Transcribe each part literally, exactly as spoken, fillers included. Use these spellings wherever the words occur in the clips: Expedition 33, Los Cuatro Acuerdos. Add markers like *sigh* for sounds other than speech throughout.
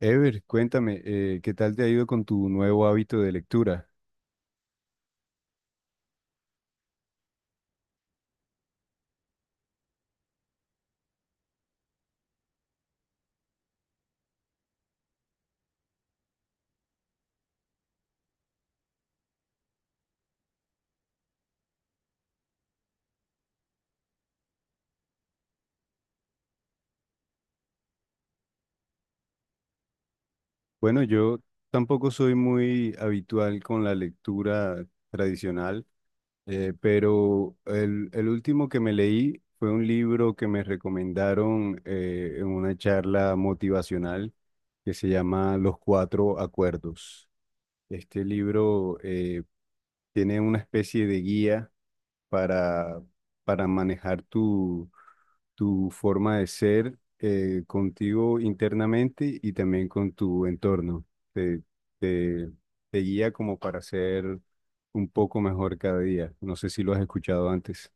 Ever, cuéntame, eh, ¿qué tal te ha ido con tu nuevo hábito de lectura? Bueno, yo tampoco soy muy habitual con la lectura tradicional, eh, pero el, el último que me leí fue un libro que me recomendaron eh, en una charla motivacional que se llama Los Cuatro Acuerdos. Este libro eh, tiene una especie de guía para, para manejar tu, tu forma de ser eh, contigo internamente y también con tu entorno. Te, te, te guía como para ser un poco mejor cada día. No sé si lo has escuchado antes.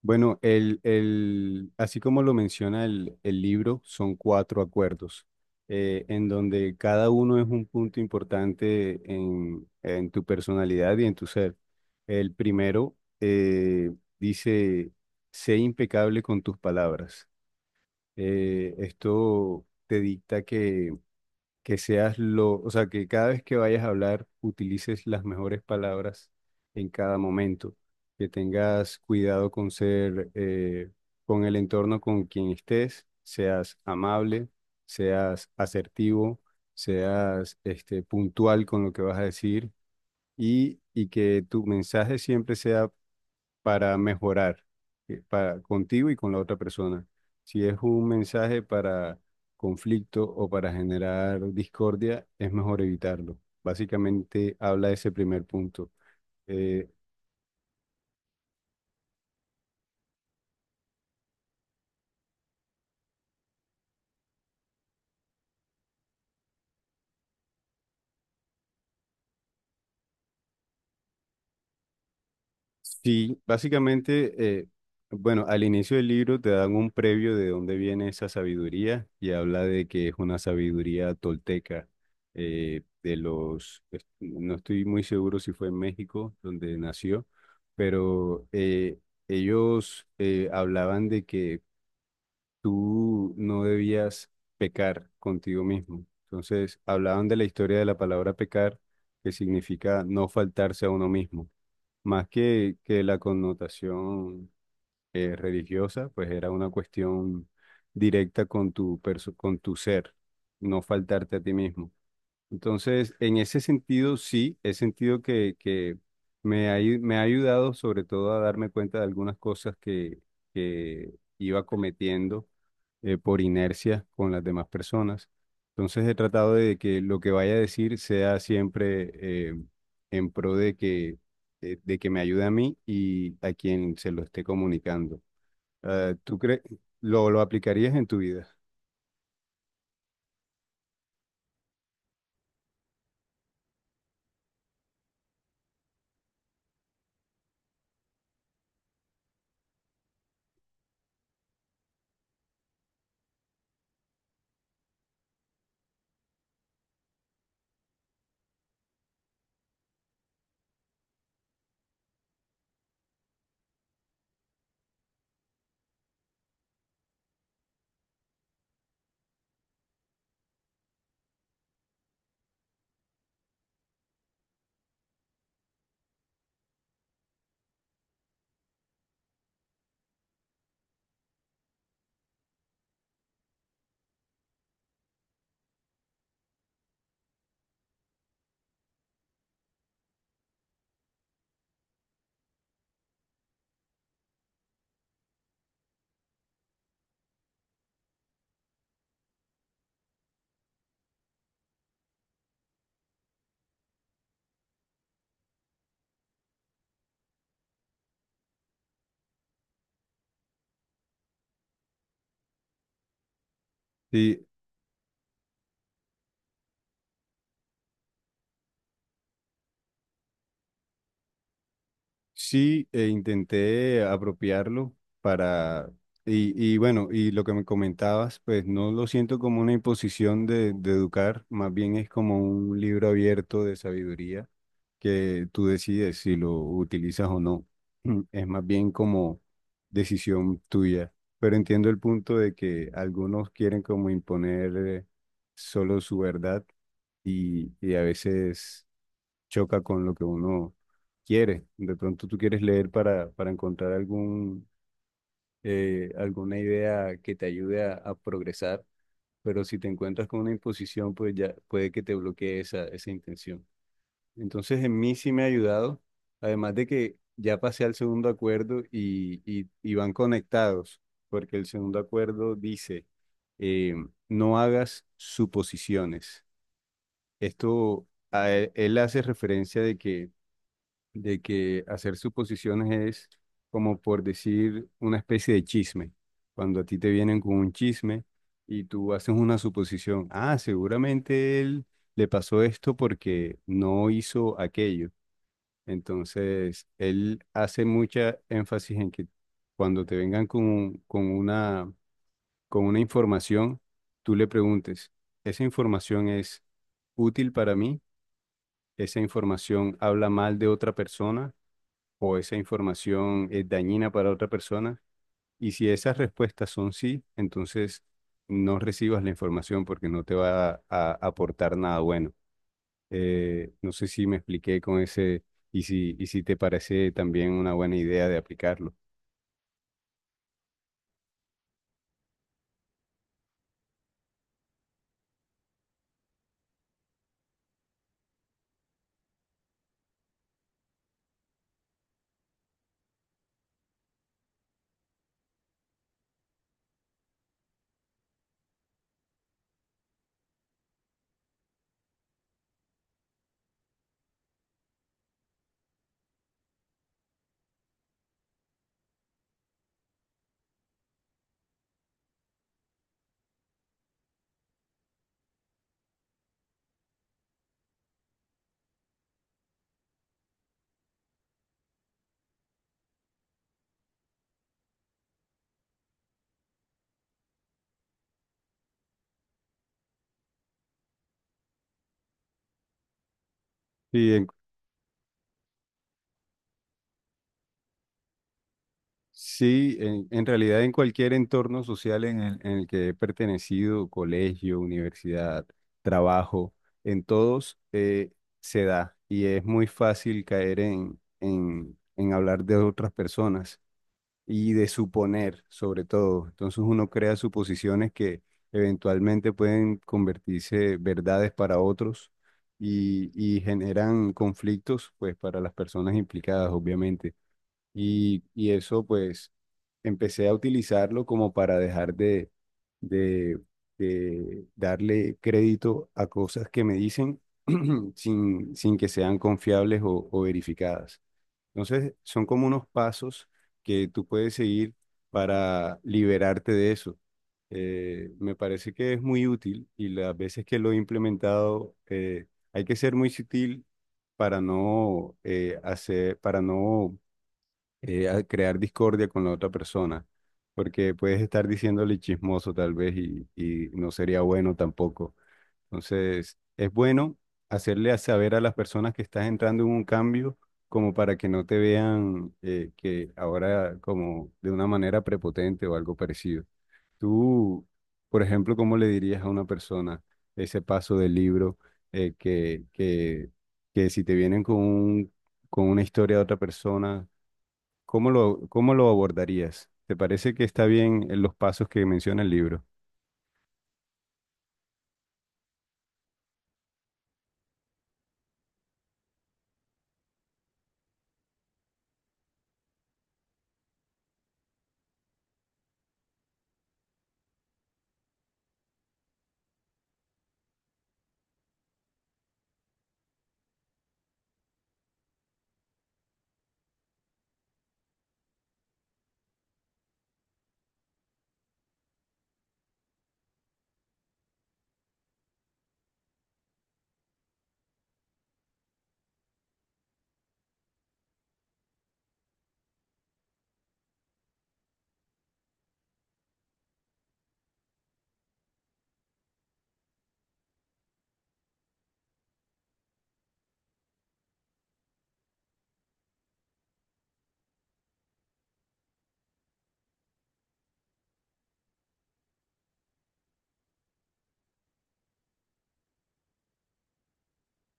Bueno, el, el- así como lo menciona el, el libro, son cuatro acuerdos, eh, en donde cada uno es un punto importante en, en tu personalidad y en tu ser. El primero eh, dice, sé impecable con tus palabras. Eh, esto te dicta que que seas lo, o sea, que cada vez que vayas a hablar utilices las mejores palabras en cada momento, que tengas cuidado con ser, eh, con el entorno con quien estés, seas amable, seas asertivo, seas este, puntual con lo que vas a decir y, y que tu mensaje siempre sea para mejorar eh, para, contigo y con la otra persona. Si es un mensaje para conflicto o para generar discordia, es mejor evitarlo. Básicamente habla de ese primer punto. Eh, Sí, básicamente, eh, bueno, al inicio del libro te dan un previo de dónde viene esa sabiduría y habla de que es una sabiduría tolteca eh, de los, es- no estoy muy seguro si fue en México donde nació, pero eh, ellos eh, hablaban de que tú no debías pecar contigo mismo. Entonces, hablaban de la historia de la palabra pecar, que significa no faltarse a uno mismo. Más que, que la connotación eh, religiosa, pues era una cuestión directa con tu, perso- con tu ser, no faltarte a ti mismo. Entonces, en ese sentido, sí, he sentido que, que me ha, ayu- me ha ayudado sobre todo a darme cuenta de algunas cosas que, que iba cometiendo eh, por inercia con las demás personas. Entonces he tratado de que lo que vaya a decir sea siempre eh, en pro de que, de, de que me ayude a mí y a quien se lo esté comunicando. Ah, ¿tú crees, lo, lo aplicarías en tu vida? Sí, Sí, e intenté apropiarlo para, y, y bueno, y lo que me comentabas, pues no lo siento como una imposición de, de educar, más bien es como un libro abierto de sabiduría que tú decides si lo utilizas o no. *clears throat* Mm, Es más bien como decisión tuya, pero entiendo el punto de que algunos quieren como imponer eh, solo su verdad y, y a veces choca con lo que uno quiere. De pronto tú quieres leer para, para encontrar algún, eh, alguna idea que te ayude a, a progresar, pero si te encuentras con una imposición, pues ya puede que te bloquee esa, esa intención. Entonces, en mí sí me ha ayudado, además de que ya pasé al segundo acuerdo y, y, y van conectados, porque el segundo acuerdo dice, eh, no hagas suposiciones. Esto, a él él hace referencia de que de que hacer suposiciones es como por decir una especie de chisme. Cuando a ti te vienen con un chisme y tú haces una suposición, ah, seguramente él le pasó esto porque no hizo aquello. Entonces, él hace mucha énfasis en que cuando te vengan con, con una, con una información, tú le preguntes, ¿esa información es útil para mí? ¿Esa información habla mal de otra persona? ¿O esa información es dañina para otra persona? Y si esas respuestas son sí, entonces no recibas la información porque no te va a, a aportar nada bueno. Eh, no sé si me expliqué con ese y si, y si te parece también una buena idea de aplicarlo. Sí, Sí, en, en realidad en cualquier entorno social en el, en el que he pertenecido, colegio, universidad, trabajo, en todos eh, se da y es muy fácil caer en, en, en hablar de otras personas y de suponer sobre todo. Entonces uno crea suposiciones que eventualmente pueden convertirse verdades para otros y, y generan conflictos pues para las personas implicadas, obviamente. Y, y eso pues empecé a utilizarlo como para dejar de, de, de darle crédito a cosas que me dicen *clears throat* sin, sin que sean confiables o, o verificadas. Entonces son como unos pasos que tú puedes seguir para liberarte de eso. Eh, me parece que es muy útil y las veces que lo he implementado eh, hay que ser muy sutil para no eh, hacer, para no eh, a crear discordia con la otra persona, porque puedes estar diciéndole chismoso tal vez y, y no sería bueno tampoco. Entonces, es bueno hacerle a saber a las personas que estás entrando en un cambio como para que no te vean eh, que ahora como de una manera prepotente o algo parecido. Tú, por ejemplo, ¿cómo le dirías a una persona ese paso del libro, eh, que, que, que si te vienen con un, con una historia de otra persona? ¿Cómo lo, cómo lo abordarías? ¿Te parece que está bien en los pasos que menciona el libro?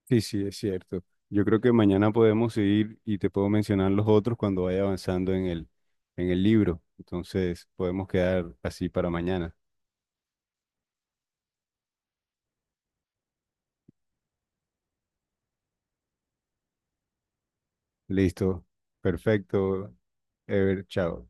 Sí, sí, es cierto. Yo creo que mañana podemos seguir y te puedo mencionar los otros cuando vaya avanzando en el, en el libro. Entonces, podemos quedar así para mañana. Listo. Perfecto. Ever, chao.